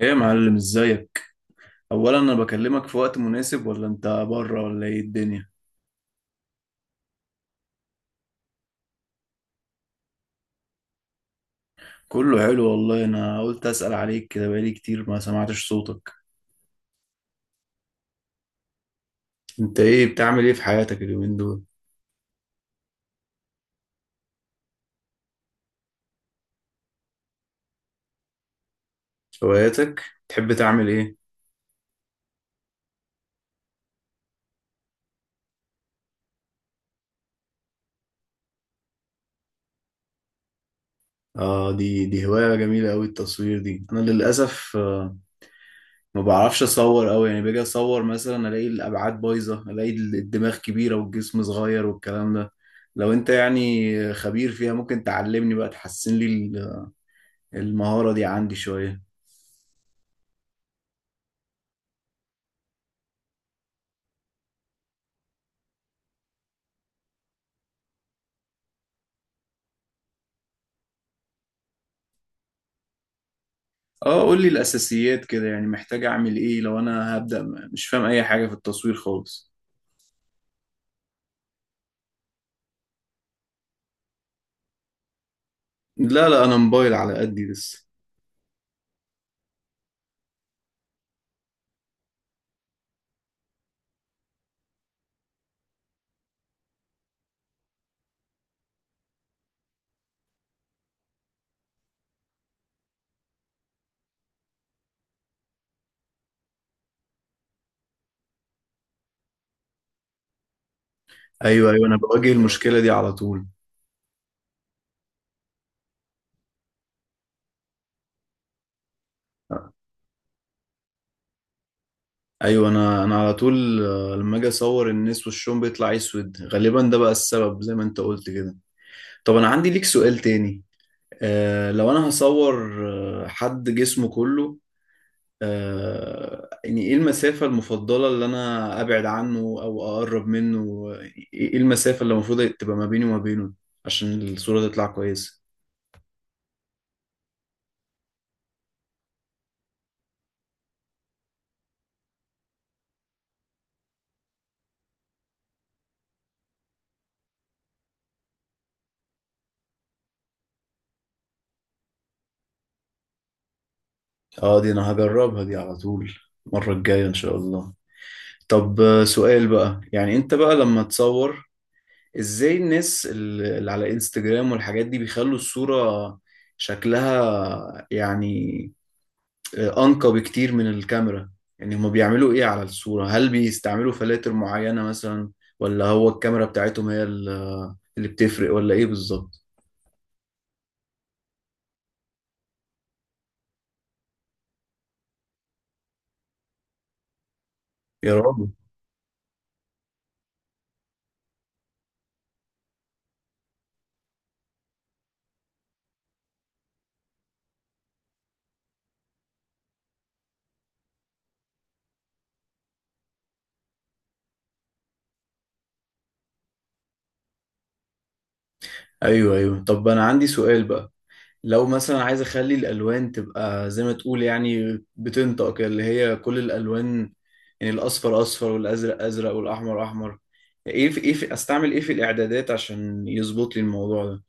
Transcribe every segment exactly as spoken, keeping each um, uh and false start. ايه يا معلم، ازيك؟ اولا انا بكلمك في وقت مناسب، ولا انت بره، ولا ايه الدنيا؟ كله حلو والله. انا قلت اسأل عليك كده، بقالي كتير ما سمعتش صوتك. انت ايه بتعمل، ايه في حياتك اليومين دول؟ هواياتك؟ تحب تعمل ايه؟ اه، دي دي هواية جميلة قوي التصوير دي. انا للاسف آه، ما بعرفش اصور قوي، يعني باجي اصور مثلا الاقي الابعاد بايظة، الاقي الدماغ كبيرة والجسم صغير والكلام ده. لو انت يعني خبير فيها ممكن تعلمني بقى، تحسن لي المهارة دي عندي شوية. اه، قول لي الاساسيات كده، يعني محتاج اعمل ايه لو انا هبدأ م- مش فاهم اي حاجة في التصوير خالص؟ لا لا، انا موبايل على قدي لسه. ايوه ايوه، انا بواجه المشكلة دي على طول. ايوه، انا انا على طول آه، لما اجي اصور الناس وشهم بيطلع اسود غالبا، ده بقى السبب زي ما انت قلت كده. طب انا عندي ليك سؤال تاني. آه، لو انا هصور آه، حد جسمه كله، آه، يعني ايه المسافة المفضلة اللي انا ابعد عنه او اقرب منه؟ يعني ايه المسافة اللي المفروض تبقى ما بيني وما بينه عشان الصورة تطلع كويسة؟ اه، دي انا هجربها دي على طول المرة الجاية ان شاء الله. طب آه، سؤال بقى. يعني انت بقى لما تصور، ازاي الناس ال- اللي على انستجرام والحاجات دي بيخلوا الصورة شكلها يعني أنقى بكتير من الكاميرا؟ يعني هما بيعملوا إيه على الصورة؟ هل بيستعملوا فلاتر معينة مثلا، ولا هو الكاميرا بتاعتهم هي ال- اللي بتفرق، ولا إيه بالظبط؟ يا راجل. أيوه أيوه، طب أنا عندي سؤال بقى. لو مثلا عايز أخلي الألوان تبقى زي ما تقول يعني بتنطق كده، اللي هي كل الألوان، يعني الأصفر أصفر والأزرق أزرق والأحمر أحمر، إيه في إيه في أستعمل إيه في الإعدادات عشان يظبط لي الموضوع ده؟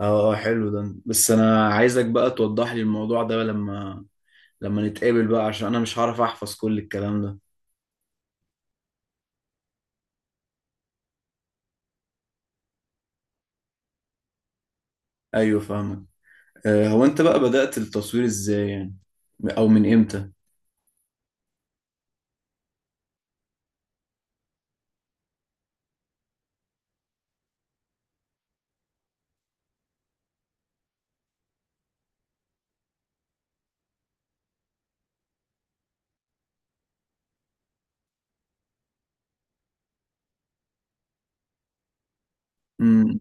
اه، آه، حلو ده. بس انا عايزك بقى توضح لي الموضوع ده لما لما نتقابل بقى، عشان انا مش هعرف احفظ كل الكلام ده. ايوه فاهمك. آه، هو انت بقى بدأت التصوير ازاي يعني، او من امتى؟ امم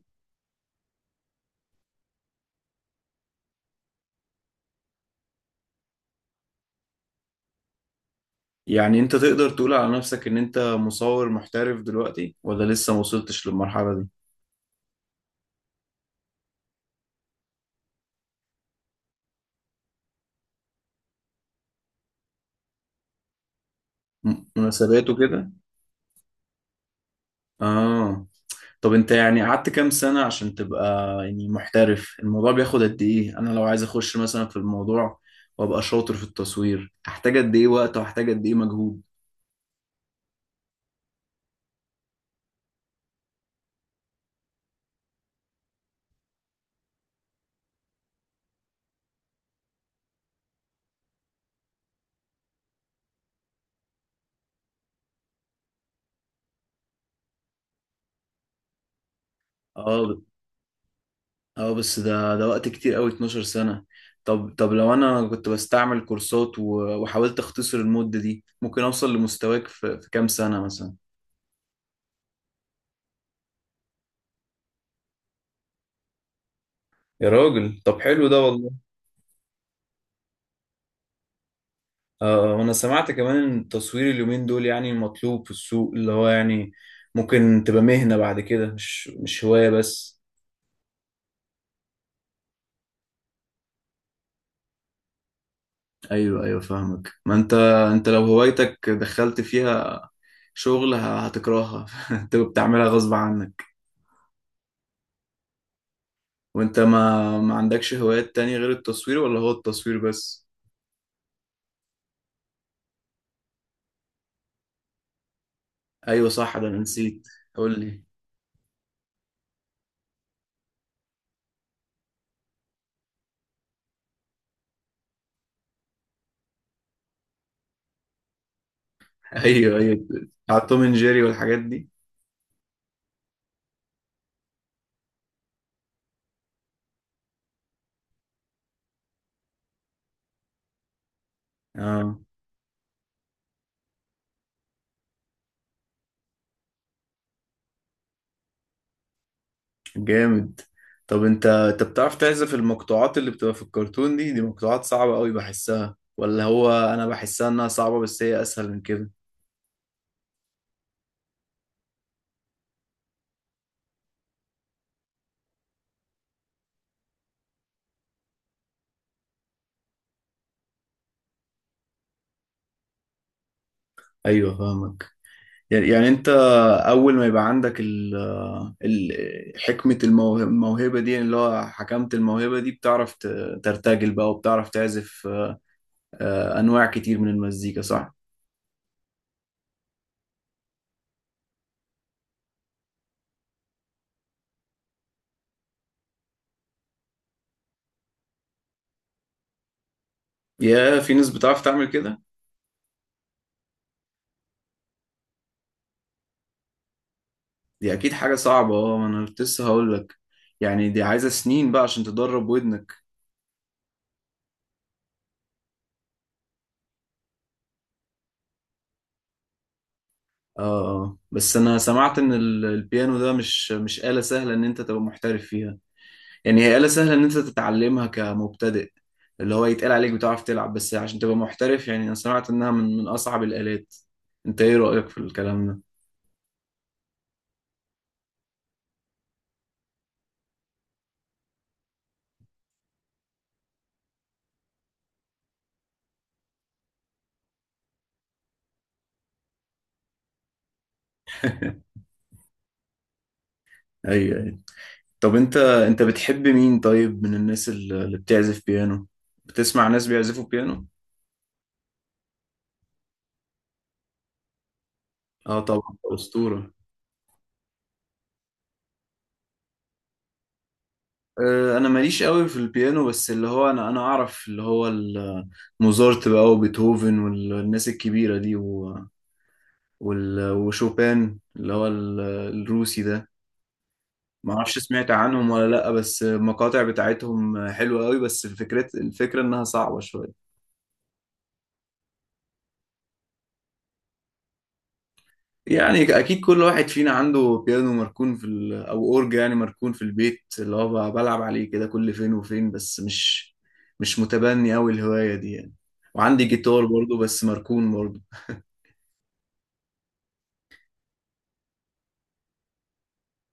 يعني انت تقدر تقول على نفسك ان انت مصور محترف دلوقتي، ولا لسه ما وصلتش للمرحلة دي؟ م- مناسبات وكده. اه، طب انت يعني قعدت كام سنة عشان تبقى يعني محترف؟ الموضوع بياخد قد ايه؟ انا لو عايز اخش مثلا في الموضوع وابقى شاطر في التصوير، احتاج قد ايه وقت واحتاج قد ايه مجهود؟ اه اه، بس ده ده وقت كتير قوي، اتناشر سنة. طب طب لو انا كنت بستعمل كورسات و- وحاولت اختصر المدة دي، ممكن اوصل لمستواك في, في كام سنة مثلا؟ يا راجل، طب حلو ده والله. آه، وانا سمعت كمان ان التصوير اليومين دول يعني مطلوب في السوق، اللي هو يعني ممكن تبقى مهنة بعد كده، مش مش هواية بس. ايوه ايوه فاهمك. ما انت، انت لو هوايتك دخلت فيها شغل ه- هتكرهها انت بتعملها غصب عنك. وانت ما ما عندكش هوايات تانية غير التصوير، ولا هو التصوير بس؟ ايوه صح، ده انا نسيت. قول لي. ايوه ايوه، بتاع توم اند جيري والحاجات دي. اه، جامد. طب انت انت بتعرف تعزف المقطوعات اللي بتبقى في الكرتون دي؟ دي مقطوعات صعبة قوي بحسها، ولا هو انا بحسها انها صعبة بس هي اسهل من كده؟ ايوه فاهمك. يعني يعني انت اول ما يبقى عندك ال ال- حكمة الموهبة, الموهبة, دي اللي هو حكمت الموهبة دي، بتعرف ت- ترتجل بقى وبتعرف تعزف آه، انواع كتير من المزيكا، صح؟ يا، في ناس بتعرف تعمل كده. دي اكيد حاجه صعبه. اه، ما انا كنت لسه هقول لك، يعني دي عايزه سنين بقى عشان تدرب ودنك. اه. آه. بس انا سمعت ان ال- البيانو ده مش مش آلة سهله ان انت تبقى محترف فيها. يعني هي آلة سهله ان انت تتعلمها كمبتدئ، اللي هو يتقال عليك بتعرف تلعب، بس عشان تبقى محترف يعني انا سمعت انها من من اصعب الآلات. انت ايه رأيك في الكلام ده؟ ايوه. طب انت انت بتحب مين طيب من الناس ال- اللي بتعزف بيانو؟ بتسمع ناس بيعزفوا بيانو؟ اه طبعا، ده أسطورة. آه، انا ماليش قوي في البيانو، بس اللي هو انا انا اعرف اللي هو ال- موزارت بقى وبيتهوفن والناس الكبيرة دي و- وال- وشوبان اللي هو ال- الروسي ده. ما اعرفش سمعت عنهم ولا لا، بس المقاطع بتاعتهم حلوة قوي، بس الفكرة الفكرة انها صعبة شوية. يعني اكيد كل واحد فينا عنده بيانو مركون في ال... او اورج يعني مركون في البيت، اللي هو ب- بلعب عليه كده كل فين وفين، بس مش مش متبني قوي الهواية دي يعني. وعندي جيتار برضه بس مركون برضه.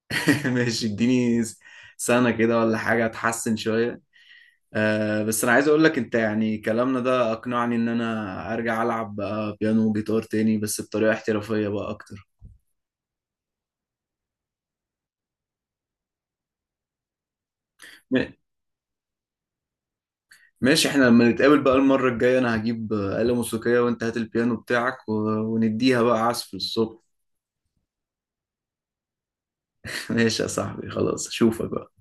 ماشي، اديني س- سنة كده ولا حاجة اتحسن شوية. آه، بس انا عايز اقول لك انت يعني كلامنا ده اقنعني ان انا ارجع العب بقى بيانو وجيتار تاني، بس بطريقة احترافية بقى اكتر. ماشي، احنا لما نتقابل بقى المرة الجاية انا هجيب آلة موسيقية وانت هات البيانو بتاعك و... ونديها بقى عزف الصبح. ماشي يا صاحبي، خلاص، اشوفك بقى.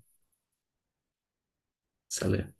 سلام.